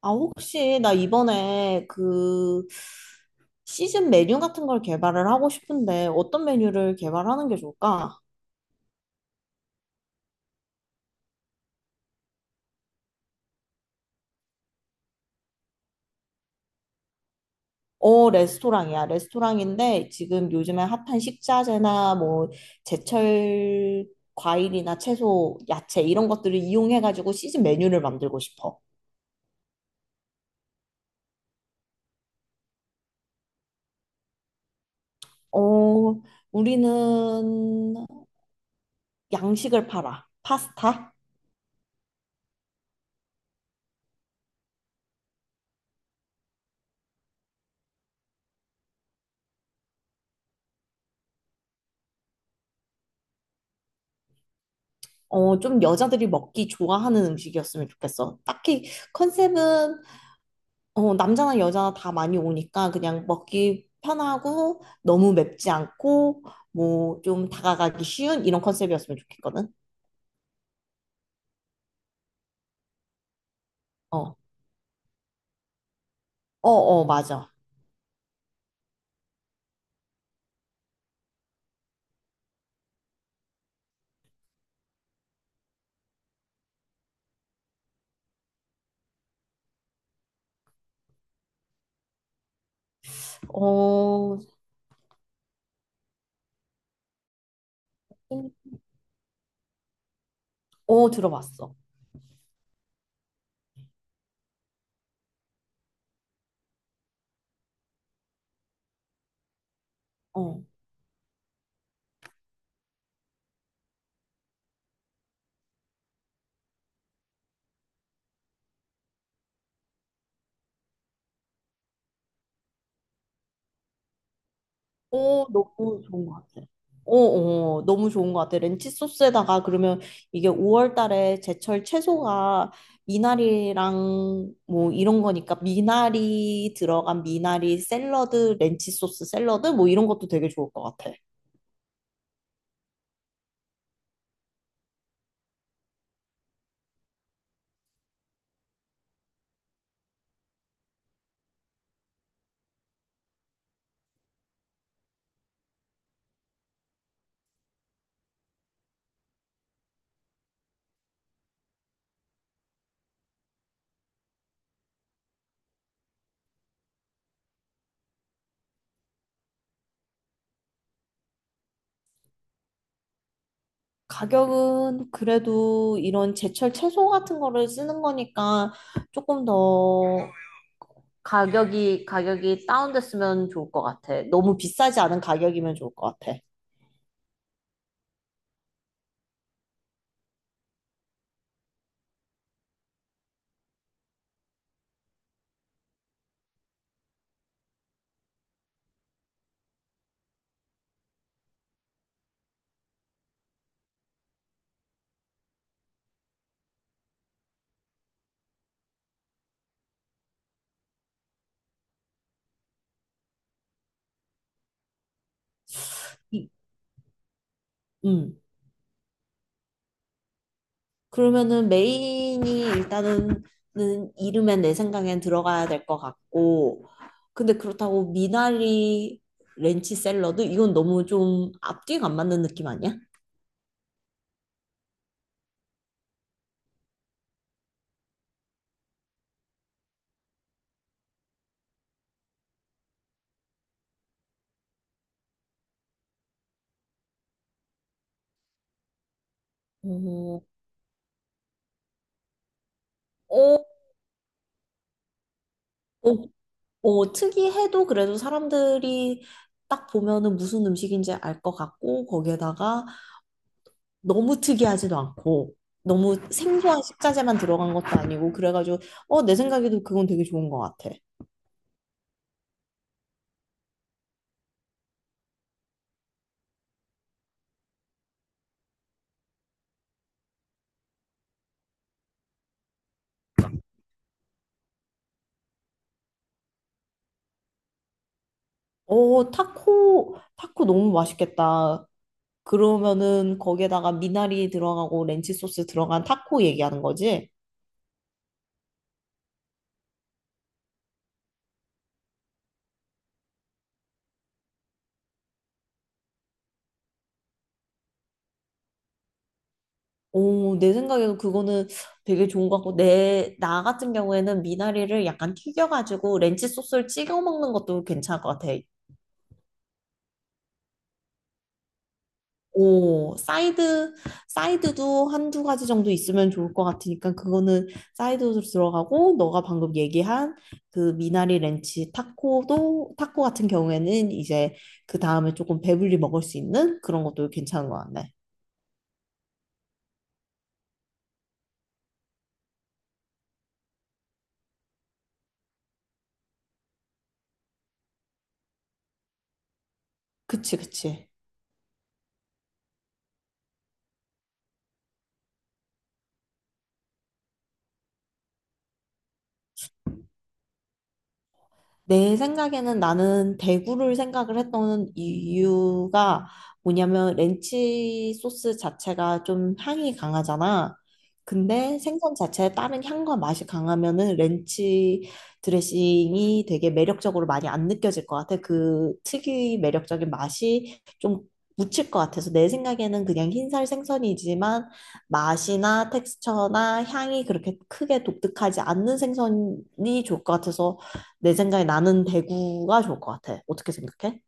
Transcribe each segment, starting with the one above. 아, 혹시 나 이번에 그 시즌 메뉴 같은 걸 개발을 하고 싶은데 어떤 메뉴를 개발하는 게 좋을까? 어, 레스토랑이야. 레스토랑인데 지금 요즘에 핫한 식자재나 뭐 제철 과일이나 채소, 야채 이런 것들을 이용해가지고 시즌 메뉴를 만들고 싶어. 어, 우리는 양식을 팔아. 파스타? 어, 좀 여자들이 먹기 좋아하는 음식이었으면 좋겠어. 딱히 컨셉은 남자나 여자나 다 많이 오니까 그냥 먹기 편하고 너무 맵지 않고 뭐 좀 다가가기 쉬운 이런 컨셉이었으면 좋겠거든. 어, 어, 어, 맞아. 어, 좀- 어, 들어봤어. 어, 어, 너무 좋은 것 같아. 어, 어, 너무 좋은 것 같아. 렌치 소스에다가 그러면 이게 5월 달에 제철 채소가 미나리랑 뭐 이런 거니까 미나리 들어간 미나리 샐러드, 렌치 소스 샐러드 뭐 이런 것도 되게 좋을 것 같아. 가격은 그래도 이런 제철 채소 같은 거를 쓰는 거니까 조금 더 가격이 다운됐으면 좋을 것 같아. 너무 비싸지 않은 가격이면 좋을 것 같아. 이- 음. 그러면은 메인이 일단은 는 이름엔 내 생각엔 들어가야 될 것 같고, 근데 그렇다고 미나리 렌치 샐러드? 이건 너무 좀 앞뒤가 안 맞는 느낌 아니야? 어, 어, 어, 어, 특이해도 그래도 사람들이 딱 보면은 무슨 음식인지 알 것 같고, 거기에다가 너무 특이하지도 않고, 너무 생소한 식자재만 들어간 것도 아니고, 그래가지고, 어, 내 생각에도 그건 되게 좋은 것 같아. 오, 타코, 타코 너무 맛있겠다. 그러면은 거기에다가 미나리 들어가고 렌치 소스 들어간 타코 얘기하는 거지? 오, 내 생각에도 그거는 되게 좋은 것 같고, 나 같은 경우에는 미나리를 약간 튀겨가지고 렌치 소스를 찍어 먹는 것도 괜찮을 것 같아. 오, 사이드도 한 두 가지 정도 있으면 좋을 것 같으니까 그거는 사이드로 들어가고 너가 방금 얘기한 그 미나리 렌치 타코도 타코 같은 경우에는 이제 그 다음에 조금 배불리 먹을 수 있는 그런 것도 괜찮은 것 같네. 그치, 그치. 내 생각에는 나는 대구를 생각을 했던 이유가 뭐냐면 렌치 소스 자체가 좀 향이 강하잖아. 근데 생선 자체에 다른 향과 맛이 강하면은 렌치 드레싱이 되게 매력적으로 많이 안 느껴질 것 같아. 그 특유의 매력적인 맛이 좀 묻힐 것 같아서 내 생각에는 그냥 흰살 생선이지만 맛이나 텍스처나 향이 그렇게 크게 독특하지 않는 생선이 좋을 것 같아서 내 생각에 나는 대구가 좋을 것 같아. 어떻게 생각해?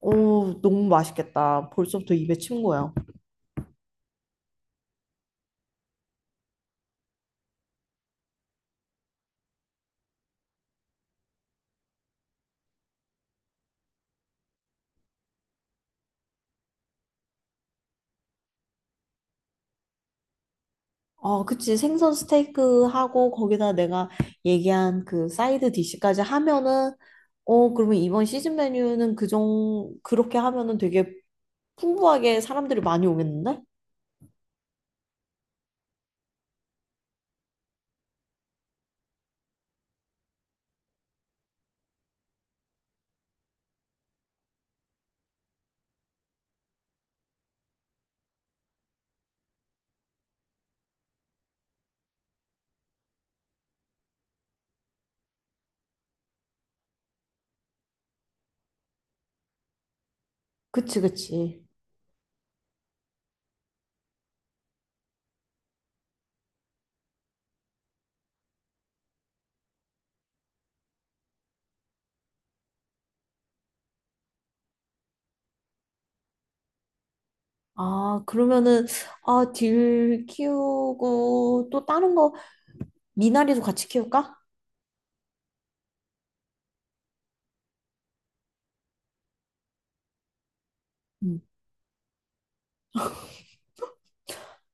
오, 너무 맛있겠다. 벌써부터 입에 침 고여. 어, 그치. 생선 스테이크 하고 거기다 내가 얘기한 그 사이드 디시까지 하면은 어, 그러면 이번 시즌 메뉴는 그 그렇게 하면은 되게 풍부하게 사람들이 많이 오겠는데? 그치, 그치. 아, 그러면은, 아, 딜 키우고 또 다른 거, 미나리도 같이 키울까? 음.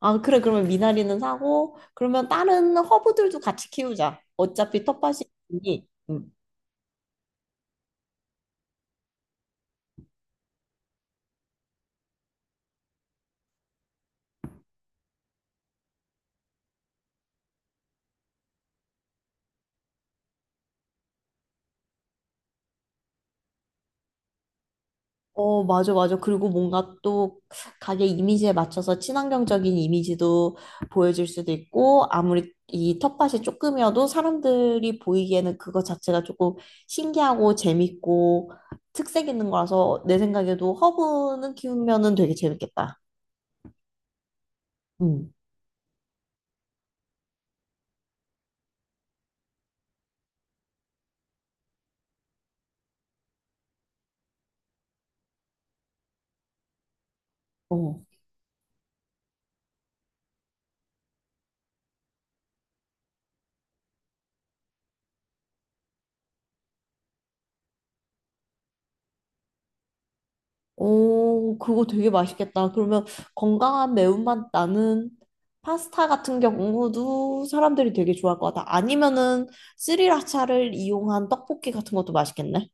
아, 그래, 그러면 미나리는 사고, 그러면 다른 허브들도 같이 키우자. 어차피 텃밭이 있으니. 어, 맞아, 맞아. 그리고 뭔가 또 가게 이미지에 맞춰서 친환경적인 이미지도 보여줄 수도 있고, 아무리 이 텃밭이 조금이어도 사람들이 보이기에는 그거 자체가 조금 신기하고 재밌고 특색 있는 거라서 내 생각에도 허브는 키우면은 되게 재밌겠다. 응. 어. 오, 그거 되게 맛있겠다. 그러면 건강한 매운맛 나는 파스타 같은 경우도 사람들이 되게 좋아할 것 같아. 아니면은 스리라차를 이용한 떡볶이 같은 것도 맛있겠네.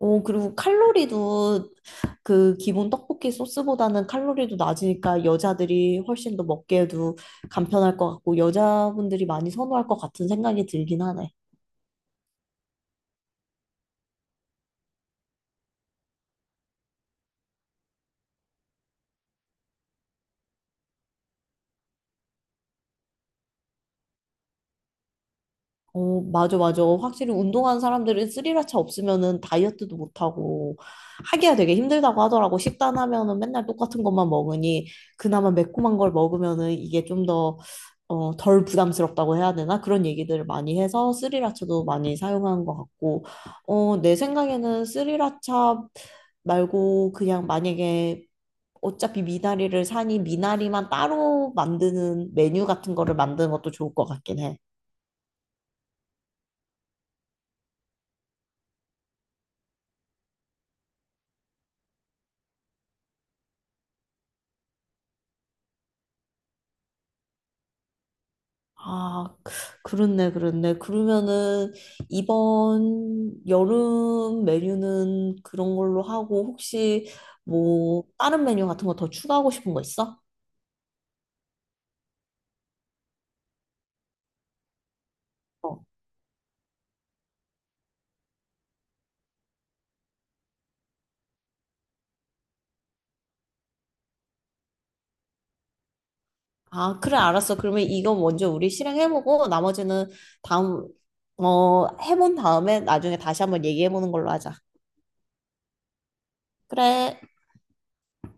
오, 그리고 칼로리도 그 기본 떡볶이 소스보다는 칼로리도 낮으니까 여자들이 훨씬 더 먹기에도 간편할 것 같고 여자분들이 많이 선호할 것 같은 생각이 들긴 하네. 어, 맞아, 맞아. 확실히 운동하는 사람들은 스리라차 없으면은 다이어트도 못하고 하기가 되게 힘들다고 하더라고. 식단하면은 맨날 똑같은 것만 먹으니 그나마 매콤한 걸 먹으면은 이게 좀 더, 어, 덜 부담스럽다고 해야 되나? 그런 얘기들을 많이 해서 스리라차도 많이 사용하는 것 같고, 어, 내 생각에는 스리라차 말고 그냥 만약에 어차피 미나리를 사니 미나리만 따로 만드는 메뉴 같은 거를 만드는 것도 좋을 것 같긴 해. 아, 그렇네, 그렇네. 그러면은 이번 여름 메뉴는 그런 걸로 하고 혹시 뭐 다른 메뉴 같은 거 더 추가하고 싶은 거 있어? 어. 아, 그래, 알았어. 그러면 이거 먼저 우리 실행해보고 나머지는 다음, 해본 다음에 나중에 다시 한번 얘기해보는 걸로 하자. 그래.